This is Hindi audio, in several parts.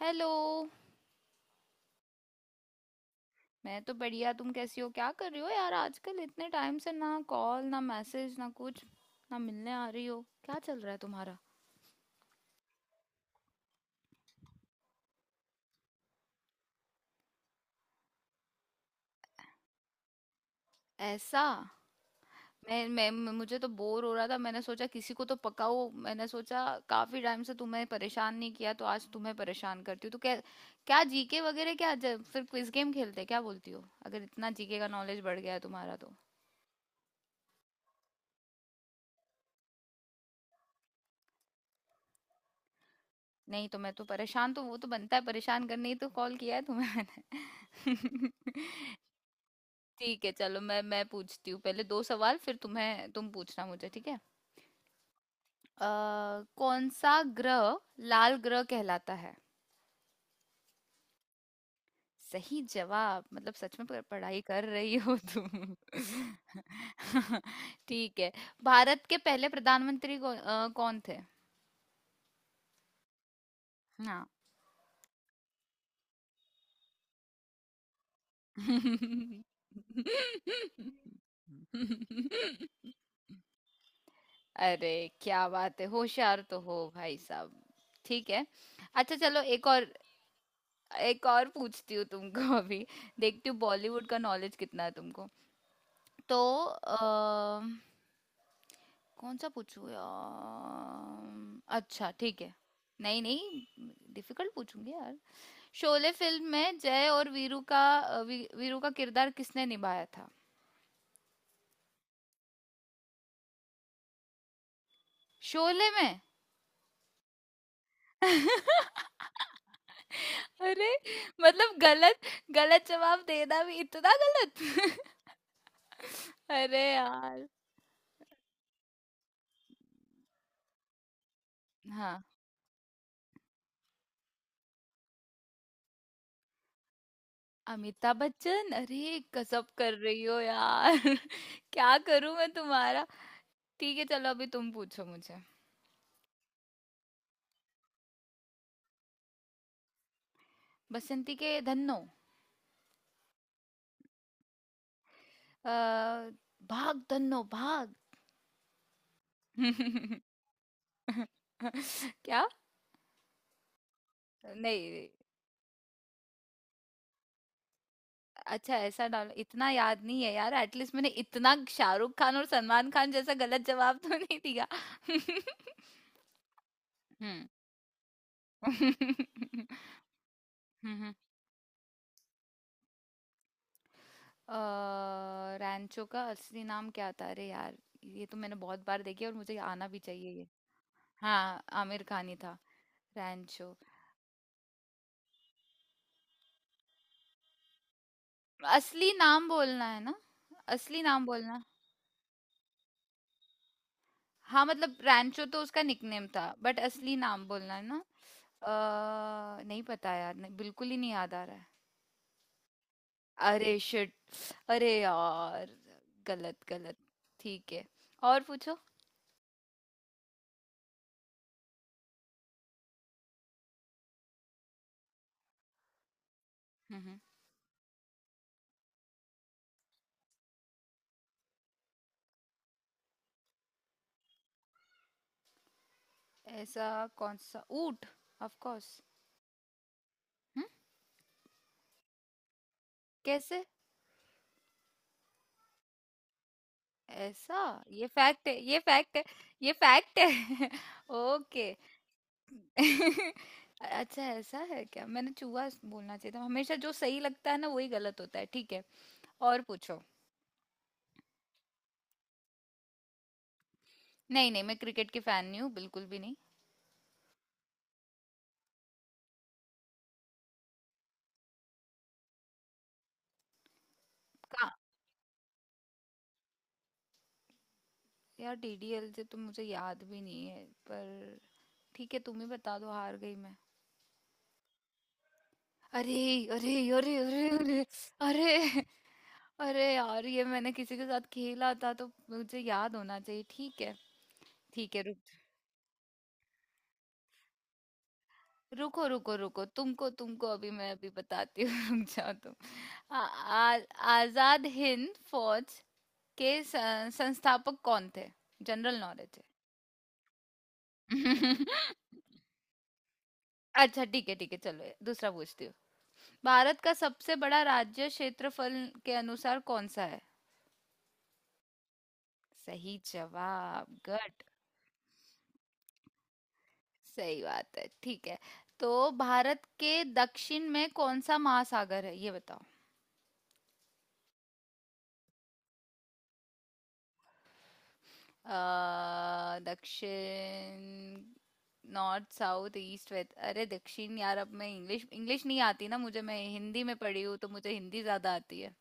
हेलो। मैं तो बढ़िया, तुम कैसी हो? क्या कर रही हो यार आजकल? इतने टाइम से ना कॉल, ना मैसेज, ना कुछ, ना मिलने आ रही हो। क्या चल रहा है तुम्हारा? ऐसा? मुझे तो बोर हो रहा था, मैंने सोचा किसी को तो पकाओ। मैंने सोचा काफी टाइम से तुम्हें परेशान नहीं किया, तो आज तुम्हें परेशान करती हूँ, तो क्या। क्या जीके वगैरह, फिर क्विज गेम खेलते हैं, क्या बोलती हो? अगर इतना जीके का नॉलेज बढ़ गया है तुम्हारा तो। नहीं तो मैं तो परेशान, तो वो तो बनता है, परेशान करने ही तो कॉल किया है तुम्हें मैंने। ठीक है, चलो मैं पूछती हूँ पहले 2 सवाल, फिर तुम्हें, तुम पूछना मुझे, ठीक है? अ, कौन सा ग्रह लाल ग्रह कहलाता है? सही जवाब, मतलब सच में पढ़ाई कर रही हो तुम। ठीक है। भारत के पहले प्रधानमंत्री कौन थे? हाँ। अरे, क्या बात है, होशियार तो हो भाई साहब। ठीक है, अच्छा चलो एक और, एक और पूछती हूँ तुमको। अभी देखती हूँ बॉलीवुड का नॉलेज कितना है तुमको। तो अ, कौन सा पूछूँ यार? अच्छा ठीक है, नहीं नहीं, डिफिकल्ट पूछूंगी यार। शोले फिल्म में जय और वीरू का, वीरू का किरदार किसने निभाया था? शोले में। अरे, मतलब गलत, गलत जवाब देना भी इतना गलत। अरे यार। हाँ, अमिताभ बच्चन। अरे गजब कर रही हो यार। क्या करूं मैं तुम्हारा। ठीक है, चलो अभी तुम पूछो मुझे। बसंती के धन्नो। अ, भाग धन्नो भाग। क्या? नहीं। अच्छा ऐसा, डालो इतना याद नहीं है यार, एटलीस्ट मैंने इतना शाहरुख खान और सलमान खान जैसा गलत जवाब तो नहीं दिया। हम्म। रैंचो का असली नाम क्या था? अरे यार, ये तो मैंने बहुत बार देखी है और मुझे आना भी चाहिए ये। हाँ, आमिर खान ही था। रैंचो? असली नाम बोलना है ना? असली नाम बोलना। हाँ, मतलब रैंचो तो उसका निकनेम था, बट असली नाम बोलना है ना। नहीं पता यार, नहीं, बिल्कुल ही नहीं याद आ रहा है। अरे शिट। अरे यार, गलत गलत। ठीक है, और पूछो। हम्म। हम्म। ऐसा? कौन सा? ऊंट? Of course. हम्म। कैसे? ऐसा? ये फैक्ट है, ये फैक्ट है, ये फैक्ट है। ओके। अच्छा ऐसा है क्या, मैंने चूहा बोलना चाहिए था। हमेशा जो सही लगता है ना, वही गलत होता है। ठीक है, और पूछो। नहीं नहीं, मैं क्रिकेट की फैन नहीं हूँ, बिल्कुल भी नहीं। कहाँ? यार डीडीएल से तो मुझे याद भी नहीं है, पर ठीक है, तुम ही बता दो, हार गई मैं। अरे अरे, अरे अरे अरे। अरे, अरे यार ये मैंने किसी के साथ खेला था, तो मुझे याद होना चाहिए ठीक है। ठीक है। रुको रुको रुको, तुमको तुमको अभी मैं अभी बताती हूँ। रुक जाओ तुम। आ, आ, आजाद हिंद फौज के संस्थापक कौन थे? जनरल नॉलेज है। अच्छा ठीक है, ठीक है चलो दूसरा पूछती हूँ। भारत का सबसे बड़ा राज्य क्षेत्रफल के अनुसार कौन सा है? सही जवाब, गुड। सही बात है, ठीक है। तो भारत के दक्षिण में कौन सा महासागर है, ये बताओ। दक्षिण, नॉर्थ साउथ ईस्ट वेस्ट, अरे दक्षिण यार, अब मैं इंग्लिश, इंग्लिश नहीं आती ना मुझे, मैं हिंदी में पढ़ी हूँ, तो मुझे हिंदी ज्यादा आती है।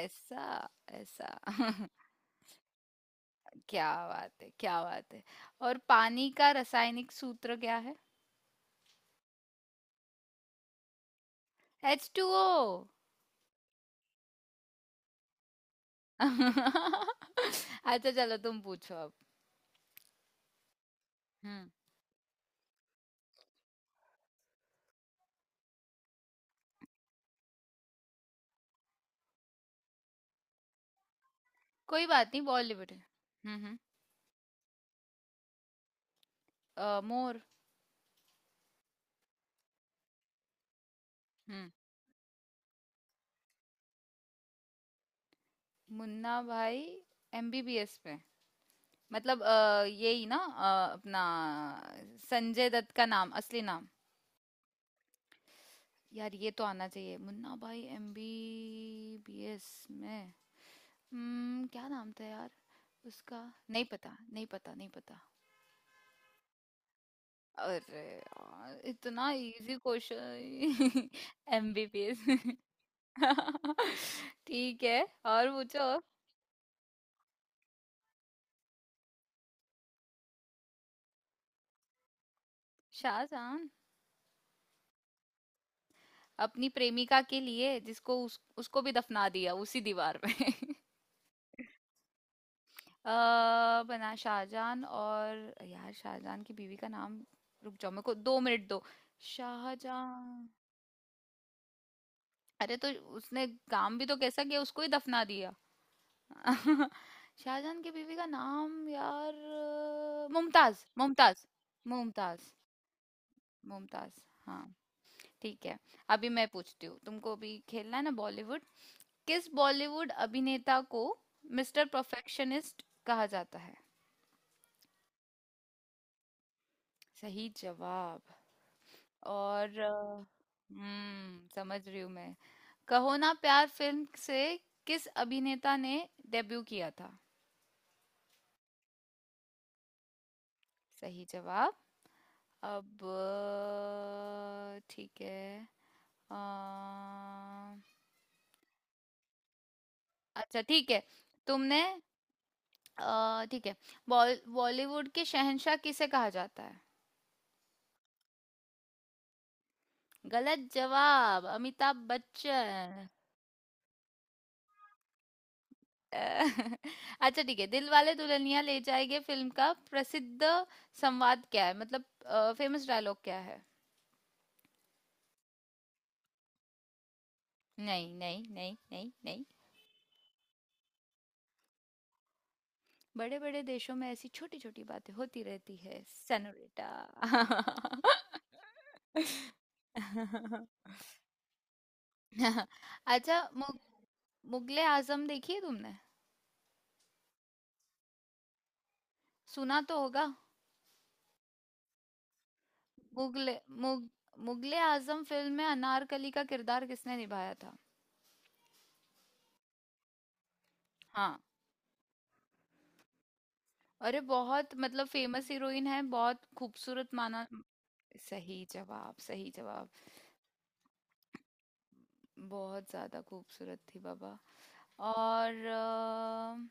ऐसा? ऐसा? क्या बात है, क्या बात है। और पानी का रासायनिक सूत्र क्या है? H2O। अच्छा चलो तुम पूछो अब। हम्म। कोई बात नहीं, बॉलीवुड। हम्म। मोर। हम्म। मुन्ना भाई एमबीबीएस में? मतलब यही ना, अपना संजय दत्त का नाम, असली नाम? यार ये तो आना चाहिए, मुन्ना भाई MBBS में। हम्म, क्या नाम था यार उसका? नहीं पता, नहीं पता, नहीं पता। अरे यार, इतना इजी क्वेश्चन। एमबीबीएस। ठीक है, और पूछो। शाहजहां। अपनी प्रेमिका के लिए, जिसको उसको भी दफना दिया उसी दीवार में। अ, बना शाहजहान, और यार शाहजहान की बीवी का नाम, रुक जाओ मेरे को 2 मिनट दो। शाहजहां। अरे तो उसने काम भी तो कैसा किया, उसको ही दफना दिया। शाहजहान की बीवी का नाम यार, मुमताज, मुमताज। मुमताज, मुमताज। हाँ, ठीक है। अभी मैं पूछती हूँ तुमको, अभी खेलना है ना बॉलीवुड। किस बॉलीवुड अभिनेता को मिस्टर परफेक्शनिस्ट कहा जाता है? सही जवाब। और हम्म, समझ रही हूँ मैं। कहो ना प्यार फिल्म से किस अभिनेता ने डेब्यू किया था? सही जवाब। अब ठीक है। अ, अच्छा ठीक है, तुमने, ठीक है, बॉलीवुड के शहंशाह किसे कहा जाता है? गलत जवाब, अमिताभ बच्चन। अ, अच्छा ठीक है, दिलवाले दुल्हनिया ले जाएंगे फिल्म का प्रसिद्ध संवाद क्या है, मतलब फेमस डायलॉग क्या है? नहीं नहीं नहीं नहीं नहीं। बड़े बड़े देशों में ऐसी छोटी छोटी बातें होती रहती है सेनोरिटा। अच्छा मुगले आजम देखी है तुमने? सुना तो होगा। मुगले मुग, मुगले आजम फिल्म में अनारकली का किरदार किसने निभाया था? हाँ। अरे बहुत मतलब फेमस हीरोइन है, बहुत खूबसूरत माना। सही जवाब, सही जवाब। बहुत ज्यादा खूबसूरत थी बाबा। और अ,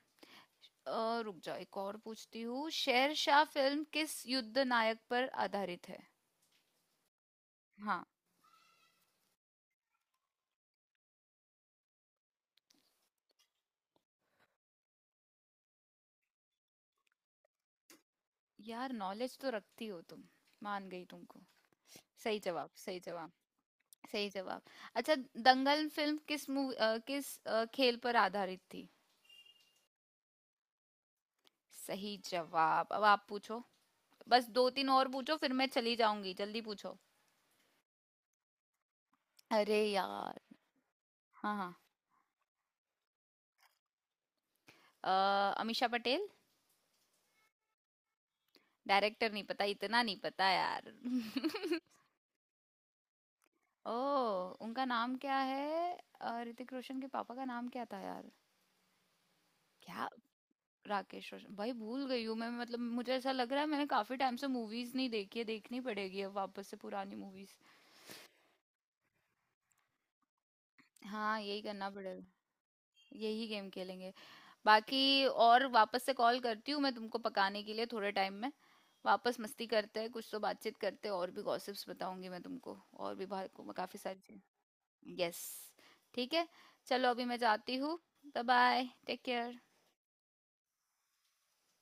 अ, रुक जाओ, एक और पूछती हूँ। शेरशाह फिल्म किस युद्ध नायक पर आधारित है? हाँ। यार नॉलेज तो रखती हो तुम, मान गई तुमको। सही जवाब, सही जवाब, सही जवाब। अच्छा दंगल फिल्म किस मूवी, किस खेल पर आधारित थी? सही जवाब। अब आप पूछो, बस दो तीन और पूछो, फिर मैं चली जाऊंगी, जल्दी पूछो। अरे यार। हाँ हाँ, अमीषा पटेल। डायरेक्टर नहीं पता, इतना नहीं पता यार। ओ, उनका नाम क्या है, ऋतिक रोशन के पापा का नाम क्या था यार? क्या, राकेश रोशन? भाई भूल गई हूँ मैं, मतलब मुझे ऐसा लग रहा है मैंने काफी टाइम से मूवीज नहीं देखी है, देखनी पड़ेगी अब वापस से पुरानी मूवीज। हाँ, यही करना पड़ेगा। यही गेम खेलेंगे बाकी, और वापस से कॉल करती हूँ मैं तुमको पकाने के लिए थोड़े टाइम में। वापस मस्ती करते हैं, कुछ तो बातचीत करते हैं, और भी गॉसिप्स बताऊंगी मैं तुमको, और भी बाहर को काफ़ी सारी चीज़। यस, ठीक है, चलो अभी मैं जाती हूँ। Bye bye, take care.